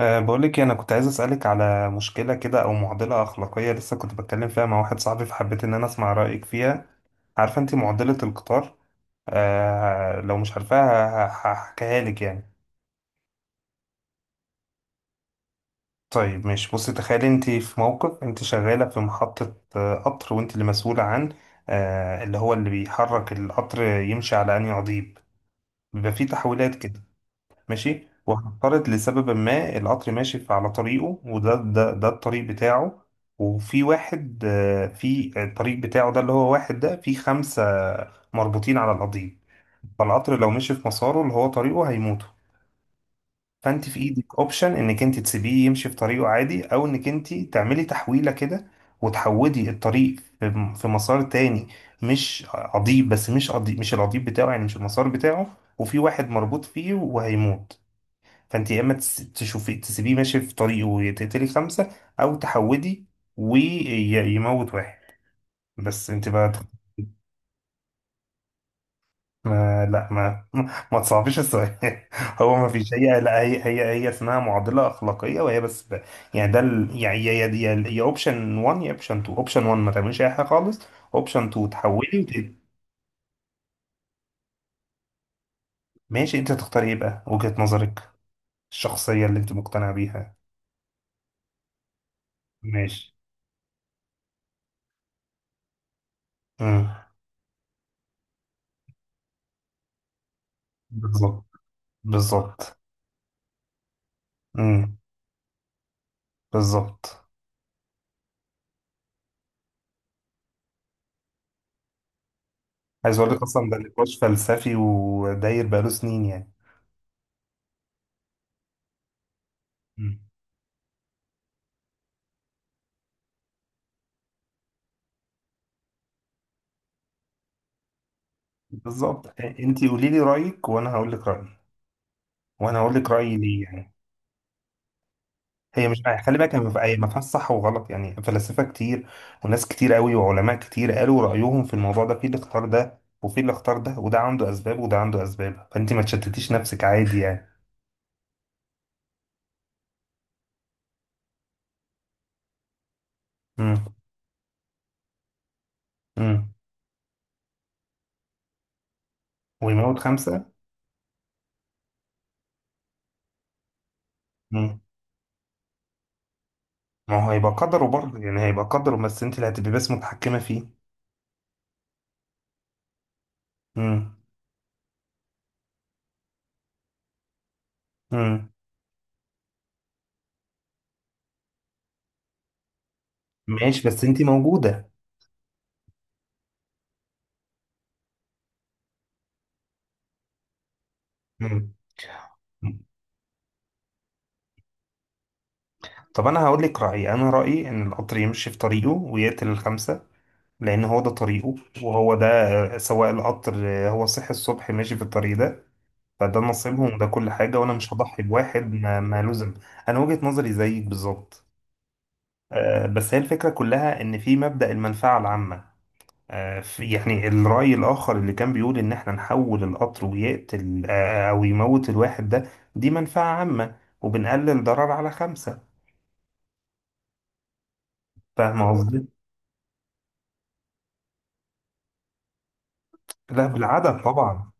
بقولك إيه، انا كنت عايز اسالك على مشكله كده او معضله اخلاقيه لسه كنت بتكلم فيها مع واحد صاحبي فحبيت ان انا اسمع رايك فيها. عارفه انت معضله القطار؟ لو مش عارفاها هحكيها لك يعني. طيب ماشي بصي، تخيلي انت في موقف، انت شغاله في محطه قطر، وانت اللي مسؤوله عن اللي هو اللي بيحرك القطر يمشي على انهي قضيب. بيبقى فيه تحويلات كده. ماشي، وهنفترض لسبب ما القطر ماشي على طريقه، وده ده ده الطريق بتاعه. وفي واحد في الطريق بتاعه ده، اللي هو واحد ده في خمسة مربوطين على القضيب. فالقطر لو مشي في مساره اللي هو طريقه هيموتوا. فانت في ايدك اوبشن انك انت تسيبيه يمشي في طريقه عادي، او انك انت تعملي تحويلة كده وتحودي الطريق في مسار تاني. مش قضيب بس، مش قضيب، مش القضيب بتاعه يعني، مش المسار بتاعه. وفي واحد مربوط فيه وهيموت. فانت يا اما تشوفي تسيبيه ماشي في طريقه وتقتلي خمسه، او تحودي ويموت واحد. بس انت بقى تخ-. ما لا ما ما تصعبيش السؤال هو ما فيش، هي لا، هي اسمها معضله اخلاقيه، وهي بس ب... يعني ده ال... يعني يا اوبشن 1 يا اوبشن 2. اوبشن 1، ما تعمليش اي حاجه خالص. اوبشن 2، تحولي وت... ماشي، انت تختاري ايه بقى؟ وجهه نظرك الشخصيه اللي انت مقتنعه بيها. ماشي. امم بالظبط. بالظبط. امم بالظبط. عايز اقول لك اصلا ده نقاش فلسفي وداير بقاله سنين يعني. مم. بالظبط. انت قولي لي رايك وانا هقول لك رايي، وانا هقول لك رايي ليه يعني. هي مش، خلي بالك، هي ما في- هي ما فيهاش صح وغلط يعني. فلاسفه كتير وناس كتير قوي وعلماء كتير قالوا رايهم في الموضوع ده، في اللي اختار ده وفي اللي اختار ده، وده عنده اسباب وده عنده اسباب، فانت ما تشتتيش نفسك عادي يعني. امم امم ويموت خمسه. امم ما هو هيبقى قدره برضه يعني، هيبقى قدره بس انت اللي هتبقي بس متحكمه فيه. امم ماشي بس انت موجودة. مم. طب انا هقول لك رأيي، انا رأيي ان القطر يمشي في طريقه ويقتل الخمسة، لان هو ده طريقه وهو ده سواق القطر هو صحي الصبح ماشي في الطريق ده. فده نصيبهم وده كل حاجة، وانا مش هضحي بواحد ما لزم. انا وجهة نظري زيك بالظبط. بس هي الفكرة كلها ان في مبدأ المنفعة العامة. يعني الرأي الآخر اللي كان بيقول إن إحنا نحول القطر ويقتل أو يموت الواحد ده، دي منفعة عامة وبنقلل ضرر على خمسة. فاهم قصدي؟ لا، بالعدد طبعا.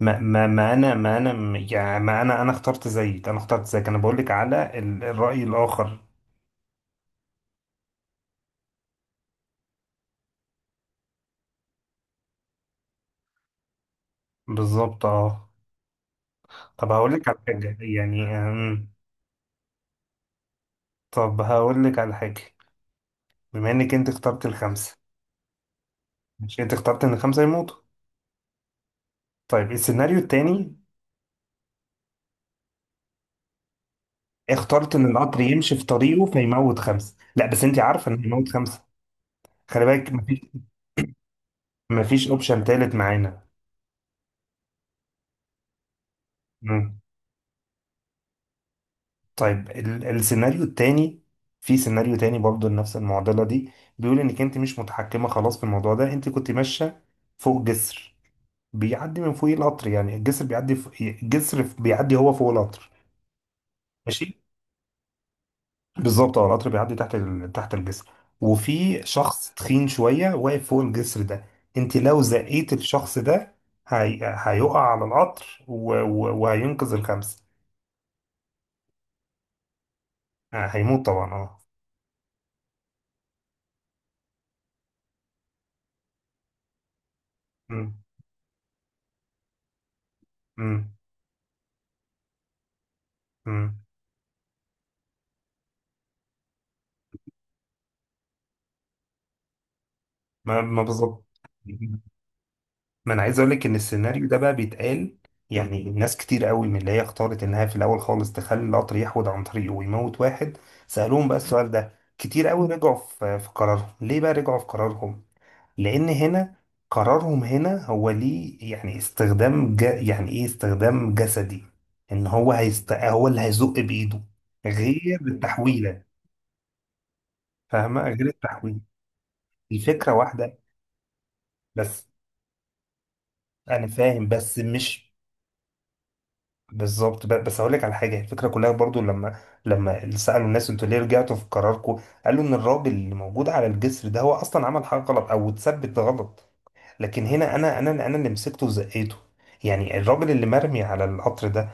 ما ما ما أنا ما أنا م- يعني ما أنا أنا اخترت زيك، أنا بقول لك على الرأي الآخر. بالظبط أه. طب هقول لك على حاجة يعني طب هقول لك على حاجة. بما إنك أنت اخترت الخمسة، مش أنت اخترت إن الخمسة يموتوا. طيب السيناريو التاني. اخترت ان القطر يمشي في طريقه فيموت خمسه، لا بس انت عارفه انه يموت خمسه. خلي بالك مفيش، مفيش اوبشن تالت معانا. مم. طيب ال السيناريو التاني، في سيناريو تاني برضه لنفس المعضله دي. بيقول انك انت مش متحكمه خلاص في الموضوع ده، انت كنت ماشيه فوق جسر بيعدي من فوق القطر، يعني الجسر بيعدي فوق، الجسر بيعدي هو فوق القطر. ماشي. بالظبط اه، القطر بيعدي تحت ال... تحت الجسر. وفي شخص تخين شوية واقف فوق الجسر ده. انت لو زقيت الشخص ده، هي... هيقع على القطر و... و... وهينقذ الخمسة. هيموت طبعا اه. مم. مم. مم. ما ما بالظبط. ما انا عايز اقول لك ان السيناريو ده بقى بيتقال، يعني ناس كتير قوي من اللي هي اختارت انها في الاول خالص تخلي القطر يحود عن طريقه ويموت واحد، سألوهم بقى السؤال ده كتير قوي، رجعوا في قرارهم. ليه بقى رجعوا في قرارهم؟ لان هنا قرارهم هنا هو ليه يعني استخدام ج... يعني ايه، استخدام جسدي، ان هو هيست... هو اللي هيزق بايده، غير التحويله. فاهمه؟ غير التحويل، الفكره واحده بس. انا فاهم بس مش بالظبط. بس اقول لك على حاجه، الفكره كلها برضو لما، لما سالوا الناس انتوا ليه رجعتوا في قراركم، قالوا ان الراجل اللي موجود على الجسر ده هو اصلا عمل حاجه غلط او اتثبت غلط، لكن هنا انا اللي مسكته وزقيته، يعني الراجل اللي مرمي على القطر ده،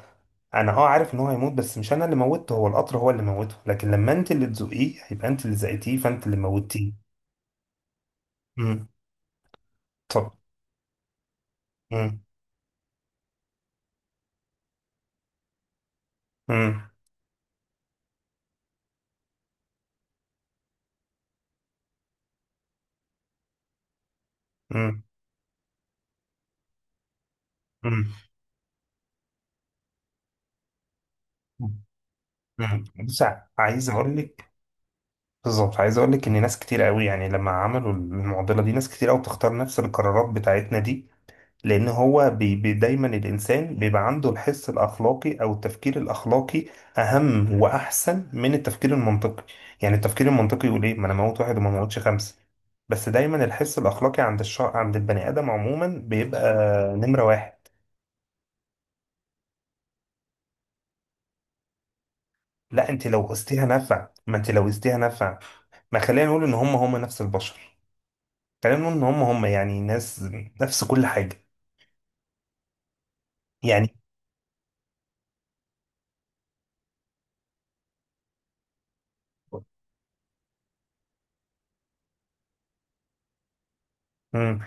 انا اه عارف ان هو هيموت بس مش انا اللي موتته، هو القطر هو اللي موته، لكن لما انت اللي تزقيه هيبقى انت اللي زقتيه فانت اللي موتيه. امم طب. امم امم امم امم أمم. بص عايز اقول لك. بالظبط، عايز اقول لك ان ناس كتير قوي يعني لما عملوا المعضله دي ناس كتير قوي بتختار نفس القرارات بتاعتنا دي، لان هو بي بي دايما الانسان بيبقى عنده الحس الاخلاقي او التفكير الاخلاقي اهم واحسن من التفكير المنطقي. يعني التفكير المنطقي يقول ايه، ما انا موت واحد وما موتش خمسه. بس دايما الحس الاخلاقي عند الش... عند البني ادم عموما بيبقى نمره واحد. لا انت لو قستيها نفع، ما انت لو قستيها نفع، ما خلينا نقول ان هم هم نفس البشر، خلينا نقول ان هم هم يعني ناس، نفس كل حاجه يعني. مم.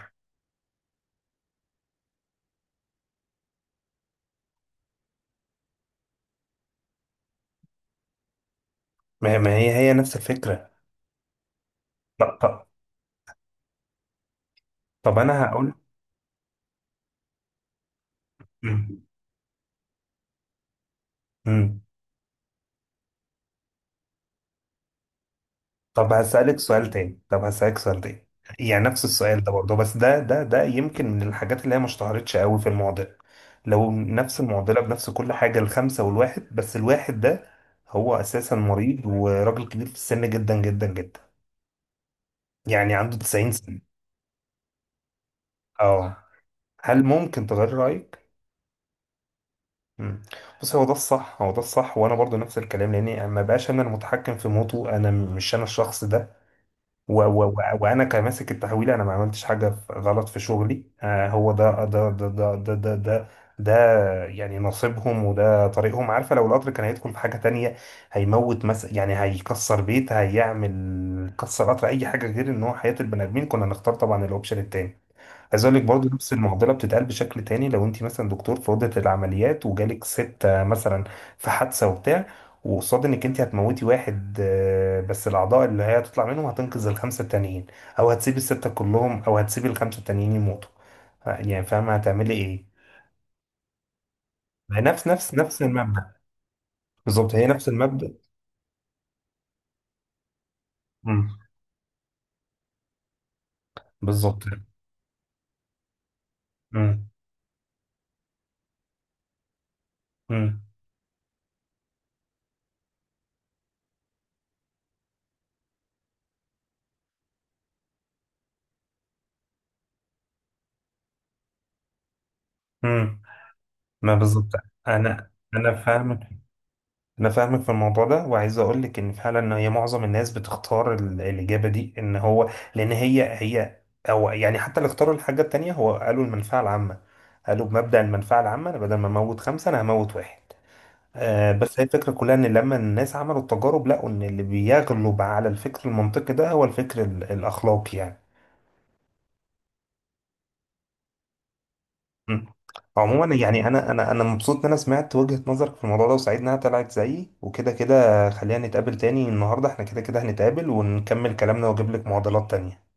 ما ما هي هي نفس الفكره. طب, طب, طب انا هقول. مم. مم. طب هسألك سؤال تاني، يعني نفس السؤال ده برضه، بس ده يمكن من الحاجات اللي هي ما اشتهرتش قوي في المعضلة. لو نفس المعضلة بنفس كل حاجة، الخمسة والواحد، بس الواحد ده هو أساسا مريض وراجل كبير في السن جدا جدا جدا، يعني عنده 90 سنة. اه، هل ممكن تغير رأيك؟ مم. بص هو ده الصح، هو ده الصح، وانا برضو نفس الكلام، لاني ما بقاش انا المتحكم في موته، انا مش انا الشخص ده، و و و وانا كماسك التحويل انا ما عملتش حاجه غلط في شغلي. آه هو ده يعني نصيبهم وده طريقهم. عارفه لو القطر كان هيدخل في حاجه تانية، هيموت مثلا يعني، هيكسر بيت، هيعمل كسر قطر، اي حاجه غير ان هو حياه البني ادمين، كنا نختار طبعا الاوبشن التاني. عايز اقول لك برضه نفس المعضله بتتقال بشكل تاني. لو انت مثلا دكتور في اوضه العمليات وجالك ست مثلا في حادثه وبتاع، وقصاد انك انت هتموتي واحد بس الاعضاء اللي هي هتطلع منهم هتنقذ الخمسه التانيين، او هتسيبي السته كلهم، او هتسيبي الخمسه التانيين يموتوا. يعني فاهمه هتعملي ايه؟ ما هي نفس المبدا. بالظبط هي نفس المبدا. امم بالظبط. امم امم امم ما بالظبط. انا، انا فاهمك، انا فاهمك في الموضوع ده، وعايز اقول لك ان فعلا ان هي معظم الناس بتختار الاجابه دي ان هو، لان هي هي، او يعني حتى اللي اختاروا الحاجه التانيه هو قالوا المنفعه العامه، قالوا بمبدا المنفعه العامه انا بدل ما اموت خمسه انا هموت واحد. آه بس هي الفكره كلها ان لما الناس عملوا التجارب لقوا ان اللي بيغلب على الفكر المنطقي ده هو الفكر الاخلاقي يعني. مم. عموما يعني انا مبسوط ان انا سمعت وجهة نظرك في الموضوع ده، وسعيد انها طلعت زيي، وكده كده خلينا نتقابل تاني، النهارده احنا كده كده هنتقابل ونكمل كلامنا واجيب لك معضلات تانية.